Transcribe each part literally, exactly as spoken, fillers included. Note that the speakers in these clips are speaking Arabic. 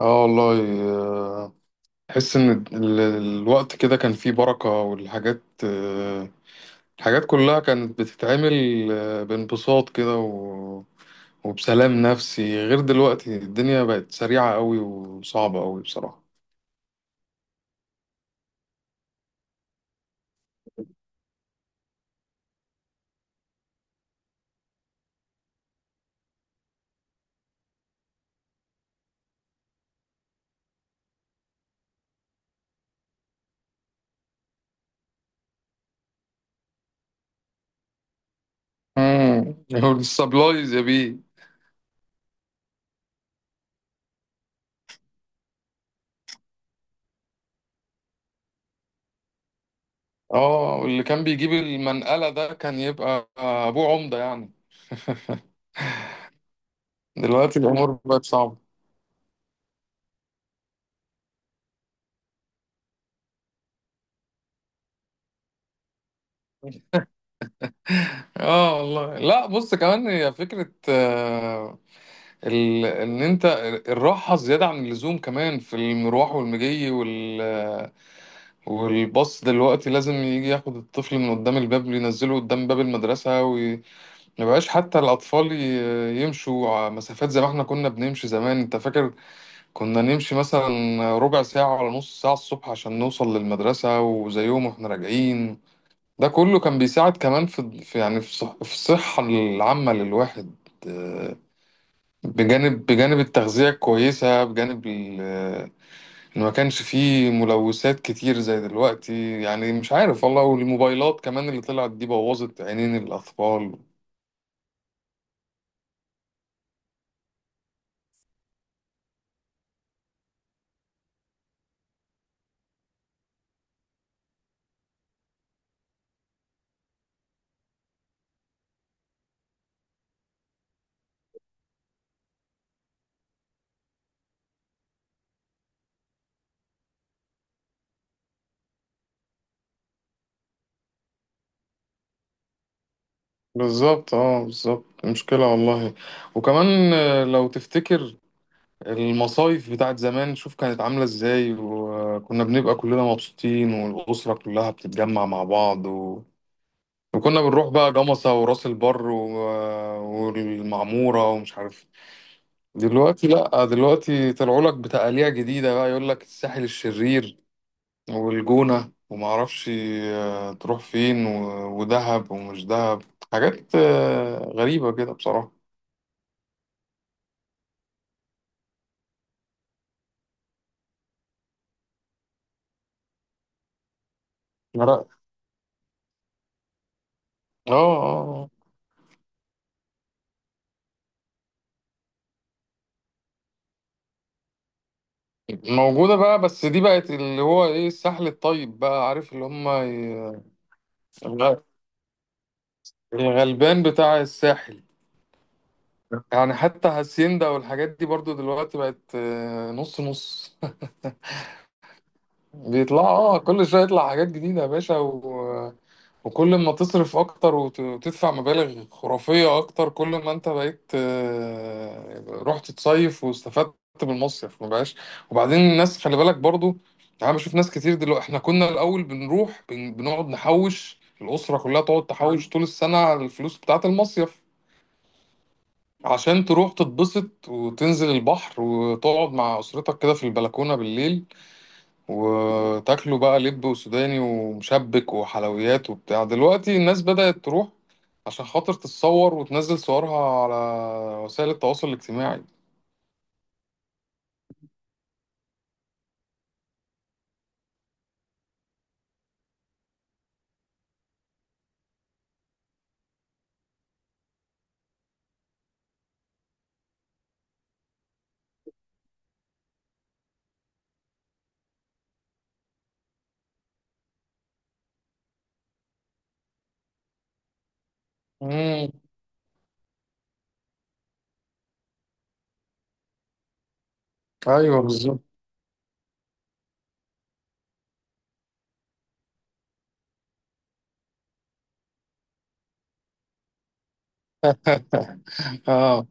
اه والله، آه، تحس ان ال- الوقت كده كان فيه بركة، والحاجات، آه، الحاجات كلها كانت بتتعمل آه، بانبساط كده و- وبسلام نفسي، غير دلوقتي الدنيا بقت سريعة قوي وصعبة قوي بصراحة. امم السبلايز يا بيه. اه، واللي كان بيجيب المنقلة ده كان يبقى ابوه عمدة يعني. دلوقتي الامور بقت صعبة. اه والله، لا بص، كمان هي فكرة ال... ان انت الراحه زياده عن اللزوم، كمان في المروح والمجي، وال... والباص دلوقتي لازم يجي ياخد الطفل من قدام الباب، ينزله قدام باب المدرسه، وما بقاش حتى الاطفال ي- يمشوا ع- مسافات زي ما احنا كنا بنمشي زمان. انت فاكر كنا نمشي مثلا ربع ساعه ولا نص ساعه الصبح عشان نوصل للمدرسه، وزيهم واحنا راجعين. ده كله كان بيساعد كمان في في يعني في صح- في الصحه العامه للواحد، بجانب بجانب التغذية كويسة، بجانب ال- إن ما كانش فيه ملوثات كتير زي دلوقتي. يعني مش عارف والله، والموبايلات كمان اللي طلعت دي بوظت عينين الأطفال. بالظبط، اه، بالظبط مشكلة والله. وكمان آه، لو تفتكر المصايف بتاعت زمان، شوف كانت عاملة ازاي، وكنا بنبقى كلنا مبسوطين، والأسرة كلها بتتجمع مع بعض، و... وكنا بنروح بقى جمصة وراس البر و... والمعمورة ومش عارف. دلوقتي لا، دلوقتي طلعوا لك بتقاليع جديدة بقى، يقول لك الساحل الشرير والجونة وما اعرفش آه، تروح فين و- ودهب ومش دهب. حاجات آه، غريبة كده بصراحة. لا، اه، اه، آه. موجودة بقى، بس دي بقت اللي هو ايه، الساحل الطيب بقى، عارف اللي هم ي- الغ- الغلبان بتاع الساحل. يعني حتى هاسيندا والحاجات دي برضو دلوقتي بقت آه، نص نص. بيطلع، اه، كل شويه يطلع حاجات جديده يا باشا، و... وكل ما تصرف اكتر وت... وتدفع مبالغ خرافيه اكتر، كل ما انت بقيت آه، رحت تصيف واستفدت بالمصيف ما بقاش. وبعدين الناس خلي بالك برضو، انا بشوف ناس كتير دلوقتي، احنا كنا الاول بنروح بن... بنقعد نحوش، الاسره كلها تقعد تحوش طول السنه على الفلوس بتاعه المصيف، عشان تروح تتبسط وتنزل البحر وتقعد مع اسرتك كده في البلكونه بالليل، وتاكلوا بقى لب وسوداني ومشبك وحلويات وبتاع. دلوقتي الناس بدأت تروح عشان خاطر تتصور وتنزل صورها على وسائل التواصل الاجتماعي. امم ايوه بالظبط. اه،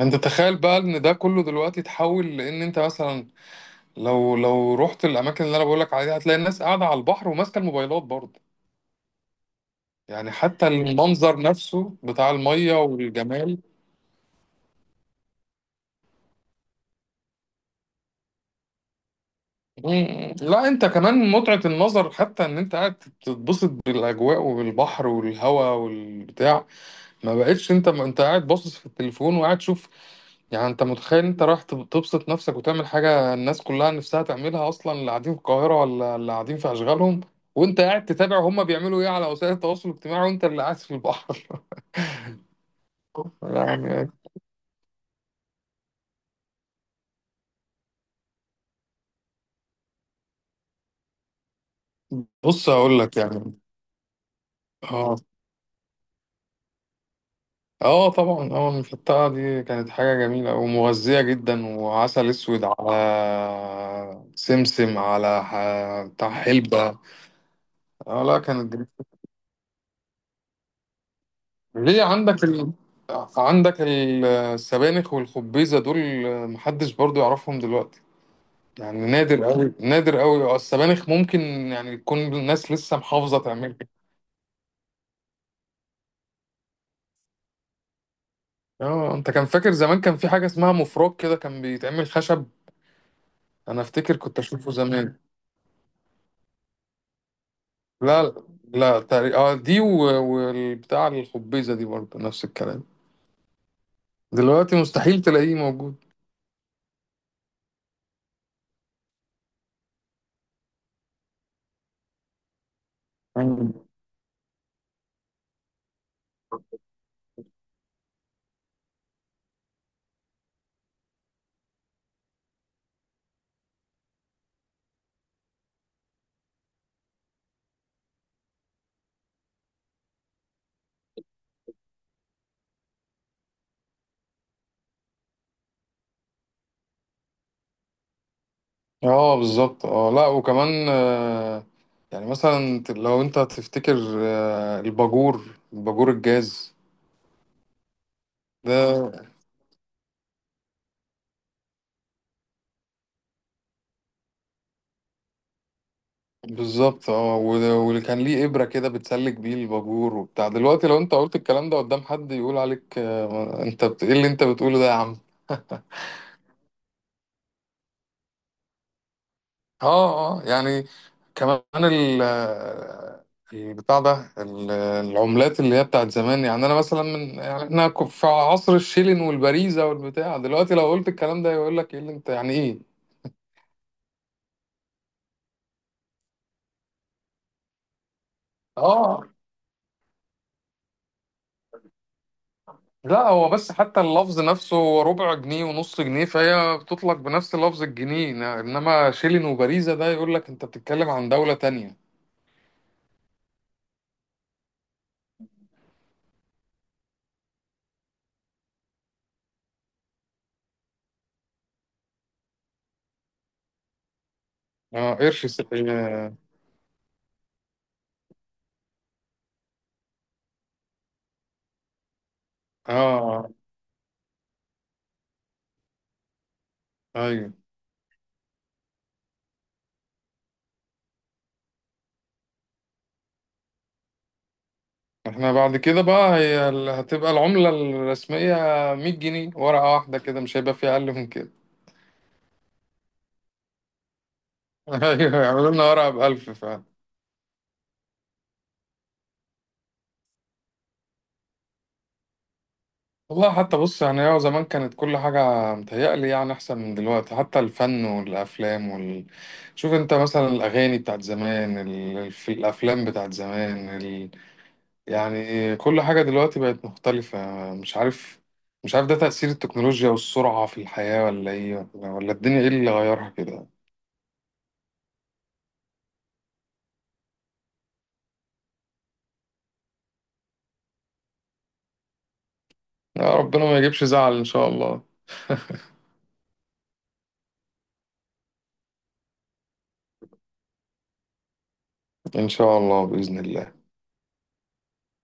انت تخيل بقى ان ده كله دلوقتي اتحول، لان انت مثلا لو لو رحت الاماكن اللي انا بقولك عليها، هتلاقي الناس قاعده على البحر وماسكه الموبايلات برضه. يعني حتى المنظر نفسه بتاع الميه والجمال. مم. لا، انت كمان متعة النظر حتى ان انت قاعد تتبسط بالاجواء والبحر والهواء والبتاع، ما بقتش. انت ما انت قاعد باصص في التليفون وقاعد تشوف. يعني انت متخيل انت رايح تب- تبسط نفسك وتعمل حاجة الناس كلها نفسها تعملها اصلا، اللي قاعدين في القاهرة ولا اللي قاعدين في اشغالهم، وانت قاعد تتابع هما بيعملوا ايه على وسائل التواصل الاجتماعي وانت اللي قاعد في البحر. يعني. بص اقول لك يعني. اه، اه، طبعا، اه، المفتقة دي كانت حاجة جميلة ومغذية جدا، وعسل اسود على سمسم على ح- بتاع حلبة. اه، لا كانت جميلة. ليه عندك ال... عندك ال- السبانخ والخبيزة دول، محدش برضو يعرفهم دلوقتي. يعني نادر قوي نادر قوي. اه، السبانخ ممكن يعني تكون الناس لسه محافظة تعملها. اه، انت كان فاكر زمان كان في حاجة اسمها مفرك كده، كان بيتعمل خشب. انا افتكر كنت اشوفه زمان. لا، لا، تقريبا اه دي و- والبتاع، الخبيزة دي برضه نفس الكلام، دلوقتي مستحيل تلاقيه موجود. مم. اه بالظبط، اه لا، وكمان آه يعني مثلا ت- لو انت تفتكر آه الباجور الباجور الجاز ده. بالظبط، اه، و- واللي كان ليه إبرة كده بتسلك بيه الباجور وبتاع، دلوقتي لو انت قلت الكلام ده قدام حد، يقول عليك آه، ما- انت بت... ايه اللي انت بتقوله ده يا عم. اه، اه، يعني كمان ال البتاع ده ال- العملات اللي هي بتاعت زمان. يعني انا مثلا من، يعني احنا ك- في عصر الشيلين والبريزة والبتاع، دلوقتي لو قلت الكلام ده يقول لك ايه اللي انت، يعني ايه؟ اه لا، هو بس حتى اللفظ نفسه، هو ربع جنيه ونص جنيه، فهي بتطلق بنفس لفظ الجنيه، إن- انما شيلين وبريزة ده يقول لك انت بتتكلم عن دولة تانية. اه، قرش س- اه، آه، آه، ايوه. احنا بعد كده بقى، هي ال- هتبقى العملة الرسمية مية جنيه ورقة واحدة كده، مش هيبقى في أقل من كده. أيوة يعملوا لنا ورقة بألف فعلا. والله، حتى بص، يعني هو زمان كانت كل حاجة متهيألي يعني أحسن من دلوقتي، حتى الفن والأفلام وال... شوف أنت مثلا الأغاني بتاعت زمان، ال... الف- الأفلام بتاعت زمان ال... يعني كل حاجة دلوقتي بقت مختلفة. مش عارف، مش عارف ده تأثير التكنولوجيا والسرعة في الحياة ولا إيه، ولا ولا الدنيا إيه اللي غيرها كده. يا ربنا ما يجيبش زعل إن شاء الله. إن شاء الله بإذن الله.